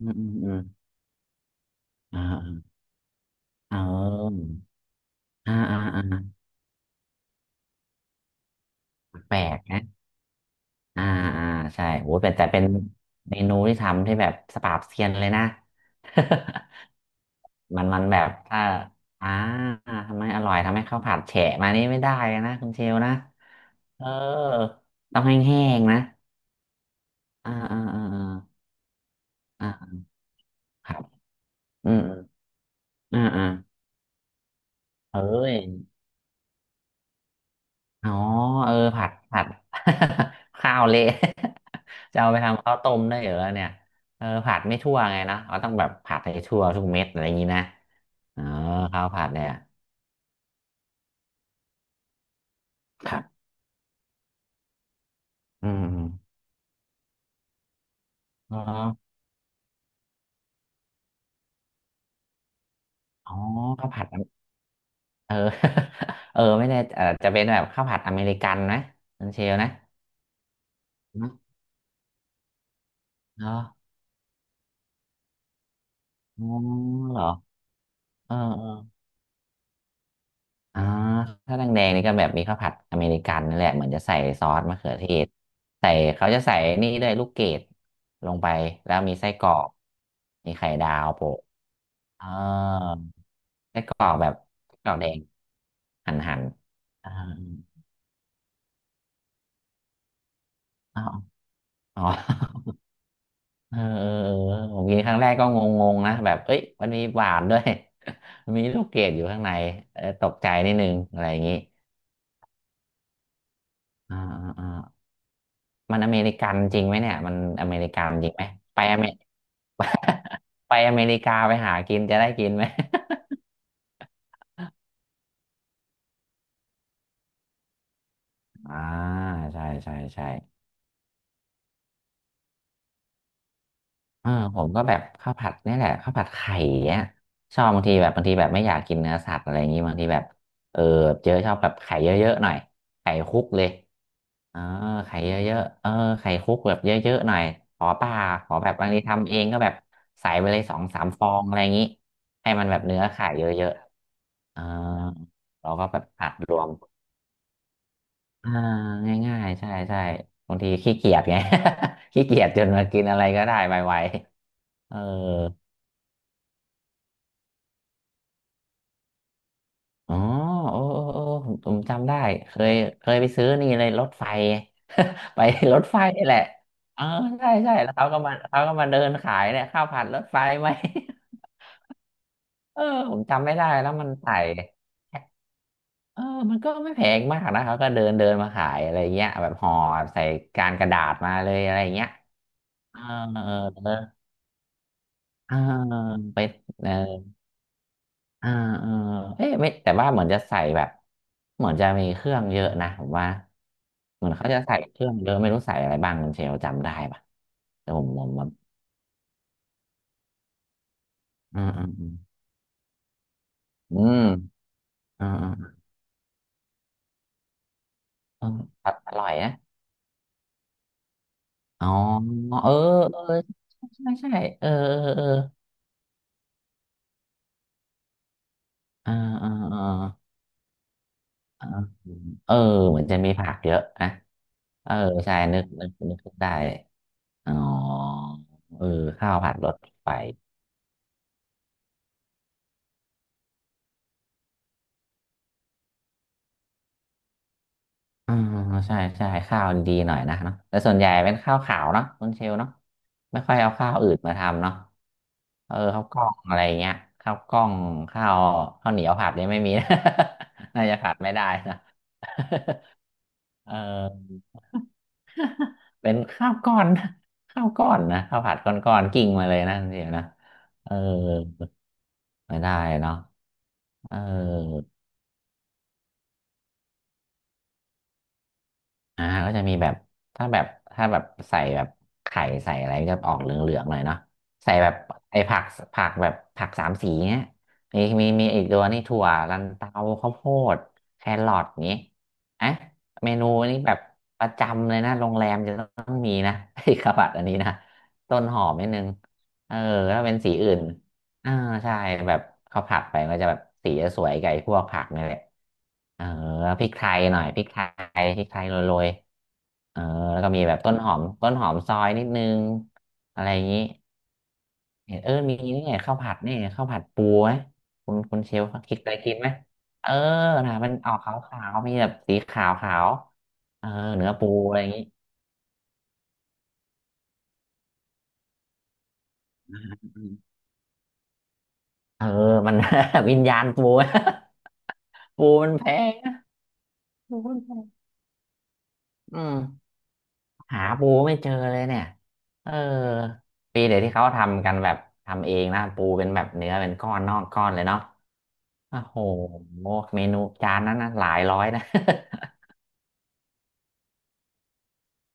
อืมอืมอืมอ่าอ่าอ่าอ่าอ่าแปลกนะอ่าอ่าใช่โหแต่เป็นเมนูที่ทำที่แบบสปราบเซียนเลยนะ มันแบบถ้าอ่าทำให้อร่อยทำให้ข้าวผัดแฉะมานี่ไม่ได้เลยนะคุณเชลนะเออต้องแห้งๆนะอ่าอ่าอ่าอ่าอ่าครับอืมอมอ่าอ่าเอ้ย อ๋อเออผัดผัด ข้าวเละ จะเอาไปทำข้าวต้มได้เหรอเนี่ยเออผัดไม่ทั่วไงนะเราต้องแบบผัดให้ทั่วทุกเม็ดอะไรอย่างนี้นะเออข้าวผัดเนี่ยครับอืมอมอออ๋อข้าวผัดอเมเออ เออไม่แน่เออจะเป็นแบบข้าวผัดอเมริกันไหมคุณเชลนะเนอะเออะอ๋อเหรอเออเออ อ่าถ้าแดงๆนี่ก็แบบมีข้าวผัดอเมริกันนั่นแหละเหมือนจะใส่ซอสมะเขือเทศใส่เขาจะใส่นี่ด้วยลูกเกดลงไปแล้วมีไส้กรอกมีไข่ดาวโปะอ่าไส้กรอกแบบไส้กรอกแดงหั่นหั่นอ่าอ้าวอ๋อ เออเออเออผมกินครั้งแรกก็งงๆนะแบบเอ้ยมันมีหวานด้วย มันมีลูกเกดอยู่ข้างในเออตกใจนิดนึงอะไรอย่างนี้อ่าอ่าอ่า มันอเมริกันจริงไหมเนี่ยมันอเมริกันจริงไหมไปอเม ไปอเมริกาไปหากินจะได้กินไหมอ่าใช่ใช่ใช่เออผมก็แบบข้าวผัดนี่แหละข้าวผัดไข่เนี่ยชอบบางทีแบบบางทีแบบไม่อยากกินเนื้อสัตว์อะไรอย่างงี้บางทีแบบเออเจอชอบแบบไข่เยอะๆหน่อยไข่คลุกเลย เออไข่เยอะๆเออไข่คุกแบบเยอะๆหน่อยขอป่าขอแบบบางทีทำเองก็แบบใส่ไปเลยสองสามฟองอะไรอย่างนี้ให้มันแบบเนื้อไข่เยอะๆเออเราก็แบบอัดรวมอ่าง่ายๆใช่ใช่บางทีขี้เกียจไง ขี้เกียจจนมากินอะไรก็ได้ไวๆเออ อ๋อโอ้โอ้โอ้ผมจำได้เคยเคยไปซื้อนี่เลยรถไฟ ไปรถไฟนี่แหละเออใช่ใช่แล้วเขาก็มาเขาก็มาเดินขายเนี่ยข้าวผัดรถไฟไหม เออผมจำไม่ได้แล้วมันใส่เออมันก็ไม่แพงมากนะเขาก็เดินเดินมาขายอะไรเงี้ยแบบห่อใส่การกระดาษมาเลยอะไรเงี้ยเออเออเออเออไปเออ อ่าเออเอ๊ะไม่แต่ว่าเหมือนจะใส่แบบเหมือนจะมีเครื่องเยอะนะผมว่าเหมือนเขาจะใส่เครื่องเยอะไม่รู้ใส่อะไรบ้างคุณเชลจำได้ปะแต่ผมอืมอืมอืมอืมอืมอืมเอออร่อยนะอ๋อเออเออใช่ใช่ใช่เออเออเอ่าอ่าอ่าเออเออเออเหมือนจะมีผักเยอะนะเออใช่นึกนึกนึกได้อ๋อเออข้าวผัดรสไฟ อ่าใช่ใช่ข้าวดีหน่อยนะเนาะแต่ส่วนใหญ่เป็นข้าวขาวเนาะคุณเชลเนาะไม่ค่อยเอาข้าวอื่นมาทำเนาะเออข้าวกล้องอะไรเงี้ยข้าวกล้องข้าวข้าวเหนียวผัดเนี่ยไม่มีนะ น่าจะผัดไม่ได้นะ เออ เป็นข้าวก้อนข้าวก้อนนะข้าวผัดก้อนก้อนกิ่งมาเลยนะคุณเชลนะเออไม่ได้เนาะเออ อ่าก็จะมีแบบถ้าแบบถ้าแบบใส่แบบไข่ใส่อะไรก็จะออกเหลืองๆหน่อยเนาะใส่แบบไอ้ผักผักแบบผักสามสีเนี่ยมีมีมีอีกตัวนี่ถั่วลันเตาข้าวโพดแครอทนี้เอ่ะเมนูนี้แบบประจำเลยนะโรงแรมจะต้องมีนะ ไอ้กระบัดอันนี้นะต้นหอมนิดนึงเออถ้าเป็นสีอื่น อ่าใช่แบบข้าวผัดไปก็จะแบบสีจะสวยไก่พวกผักนี่แหละเออแล้วพริกไทยหน่อยพริกไทยพริกไทยโรยๆเออแล้วก็มีแบบต้นหอมต้นหอมซอยนิดนึงอะไรอย่างนี้เห็นเออมีนี่ไงข้าวผัดนี่ข้าวผัดปูไหมคุณเชลคิดอะไรกินไหมเออนะมันออกขาวๆมีแบบสีขาวๆเออเนื้อปูอะไรอย่างนี้อืมเออมัน วิญญาณปู ปูมันแพงปูมันแพงอืม หาปูไม่เจอเลยเนี่ยเออปีเดี๋ยวที่เขาทำกันแบบทำเองนะปูเป็นแบบเนื้อเป็นก้อนนอกก้อนเลยเนาะโอ้โห เมนูจานนั้นนะหลายร้อยนะ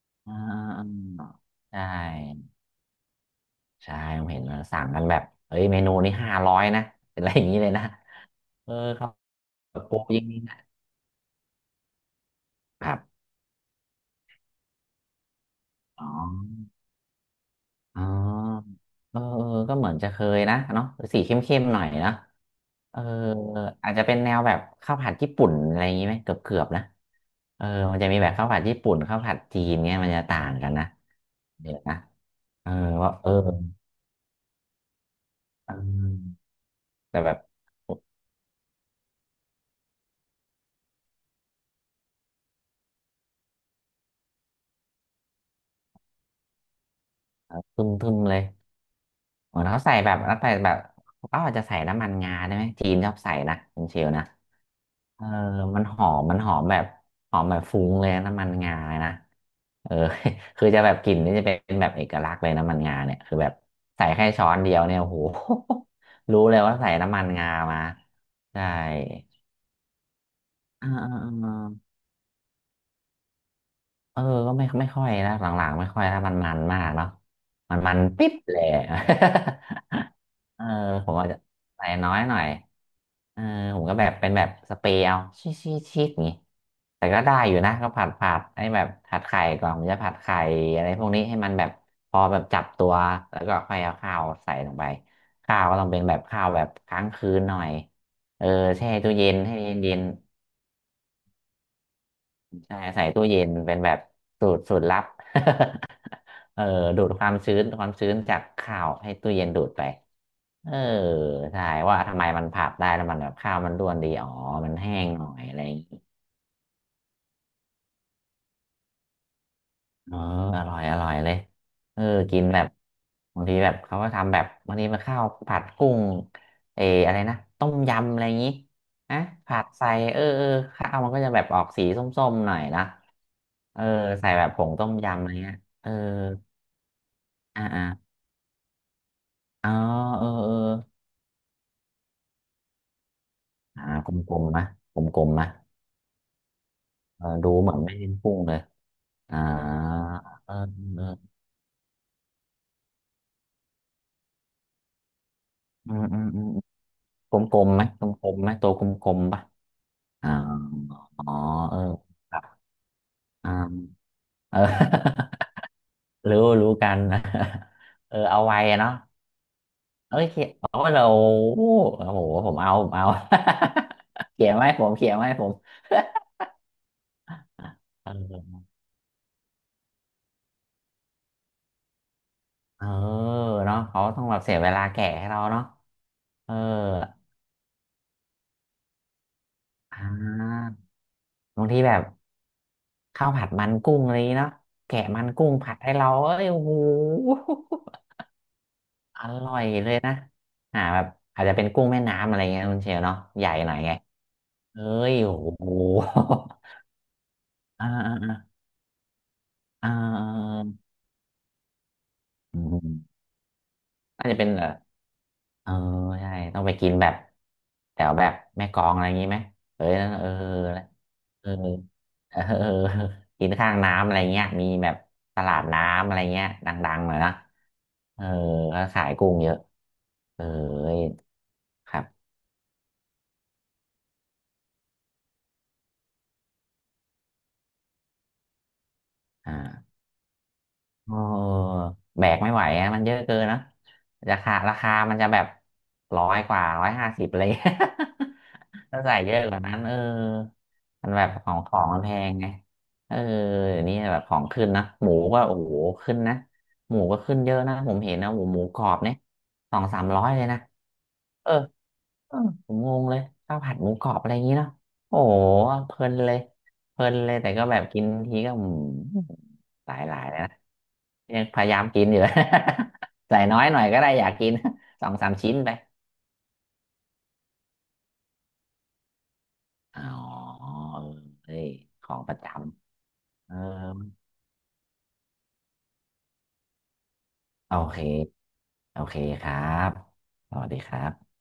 อ่าใช่ ใช่ผมเห็นมันสั่งกันแบบ เฮ้ย เมนูนี้500นะ เป็นอะไรอย่างนี้เลยนะ เออ เขาปูยิงนี่นะครับอ๋อ อ๋อเออเออก็เหมือนจะเคยนะเนาะสีเข้มๆหน่อยนะเอออาจจะเป็นแนวแบบข้าวผัดญี่ปุ่นอะไรอย่างงี้ไหมเกือบๆนะเออมันจะมีแบบข้าวผัดญี่ปุ่นข้าวผัดจีนเนี่ยมันจะต่างกันนะเดี๋ยวนะเออว่าเออเออแต่แบบทึมๆเลยเหมือนเขาใส่แบบแล้วใส่แบบเขาอาจจะใส่น้ำมันงาได้ไหมจีนชอบใส่นะคุณเชลนะ เออมันหอมมันหอมแบบหอมแบบฟุ้งเลยนะน้ำมันงาเลยนะเออ คือจะแบบกลิ่นนี่จะเป็นแบบเอกลักษณ์เลยน้ำมันงาเนี่ยคือแบบใส่แค่ช้อนเดียวเนี่ยโอ้โห รู้เลยว่าใส่น้ำมันงามาใช่อ่าๆๆเออก็ไม่ค่อยนะหลังๆไม่ค่อยนล้มันมันมากเนาะมันมันปิ๊บเลย เออผมอาจจะใส่น้อยหน่อยเออผมก็แบบเป็นแบบสเปรย์เอาชีสชีสชีสอย่างงี้แต่ก็ได้อยู่นะก็ผัดผัดให้แบบผัดไข่ก่อนผมจะผัดไข่อะไรพวกนี้ให้มันแบบพอแบบจับตัวแล้วก็ค่อยเอาข้าวใส่ลงไปข้าวก็ต้องเป็นแบบข้าวแบบค้างคืนหน่อยเออแช่ตู้เย็นให้เย็นเย็น ใช่ใส่ตู้เย็นเป็นแบบสูตรสูตรลับ เออดูดความชื้นความชื้นจากข้าวให้ตู้เย็นดูดไปเออใช่ว่าทำไมมันผัดได้แล้วมันแบบข้าวมันร่วนดีอ๋อมันแห้งหน่อยอะไรอย่างงี้๋อเอออร่อยอร่อยเลยเออกินแบบบางทีแบบเขาก็ทำแบบบางทีมันข้าวผัดกุ้งเอออะไรนะต้มยำอะไรอย่างงี้นะผัดใส่เออเออข้าวมันก็จะแบบออกสีส้มๆหน่อยนะเออใส่แบบผงต้มยำอะไรเงี้ยเออ อ่าอ๋อเออเอออ่ากลมๆนะกลมๆนะเออดูเหมือนไม่เห้มพุ่งเลยอ่าเออเอออืมอืมอืมกลมๆไหมกลมๆไหมตัวกลมๆปะอ่าอ๋อเออครับอ่าเออ รู้รู้กัน นะเออเอาไว้อะเนาะเอ้ยเขียนเอาเราโอ้โหผมเอาผมเอา เขียนไว้ผมเขียนไว้ผมอ่ะเออเออเนาะเขาต้องแบบเสียเวลาแกะให้เราเนาะเออ อ่าบางทีแบบข้าวผัดมันกุ้งอะไรอย่างงี้เนาะแกะมันกุ้งผัดให้เราเอ้ยโอ้โหอร่อยเลยนะอ่าแบบอาจจะเป็นกุ้งแม่น้ำอะไรเงี้ยคุณเชลเนาะใหญ่หน่อยไงเอ้ยโอ้โห อ่าอ่าอ่าอ่าอาอืมน่าจะเป็นเออ เออใช่ต้องไปกินแบบแถวแบบแม่กลองอะไรอย่างนี้ไหมเอ้ยนั่นเออเออเออเออ กินข้างน้ำอะไรเงี้ยมีแบบตลาดน้ำอะไรเงี้ยดังๆหน่อยนะเออก็ขายกุ้งเยอะเออครับอ่า เออแบกไม่ไหวอะมันเยอะเกินนะราคาราคามันจะแบบร้อยกว่าร้อยห้าสิบเลย ถ้าใส่เยอะกว่านั้นเออมันแบบของมันแพงไงเออเดี๋ยวนี้แบบของขึ้นนะหมูก็โอ้โหขึ้นนะหมูก็ขึ้นเยอะนะผมเห็นนะหมูหมูกรอบเนี่ยสองสามร้อยเลยนะเออเออผมงงเลยข้าวผัดหมูกรอบอะไรอย่างนี้เนาะโอ้โหเพลินเลยเพลินเลยแต่ก็แบบกินทีก็อืม หลายหลายนะยังพยายามกินอยู่ ใส่น้อยหน่อยก็ได้อยากกิน สองสามชิ้นไปอ๋อเอ้ยของประจำเออโอเคโอเคครับสวัสดีครับ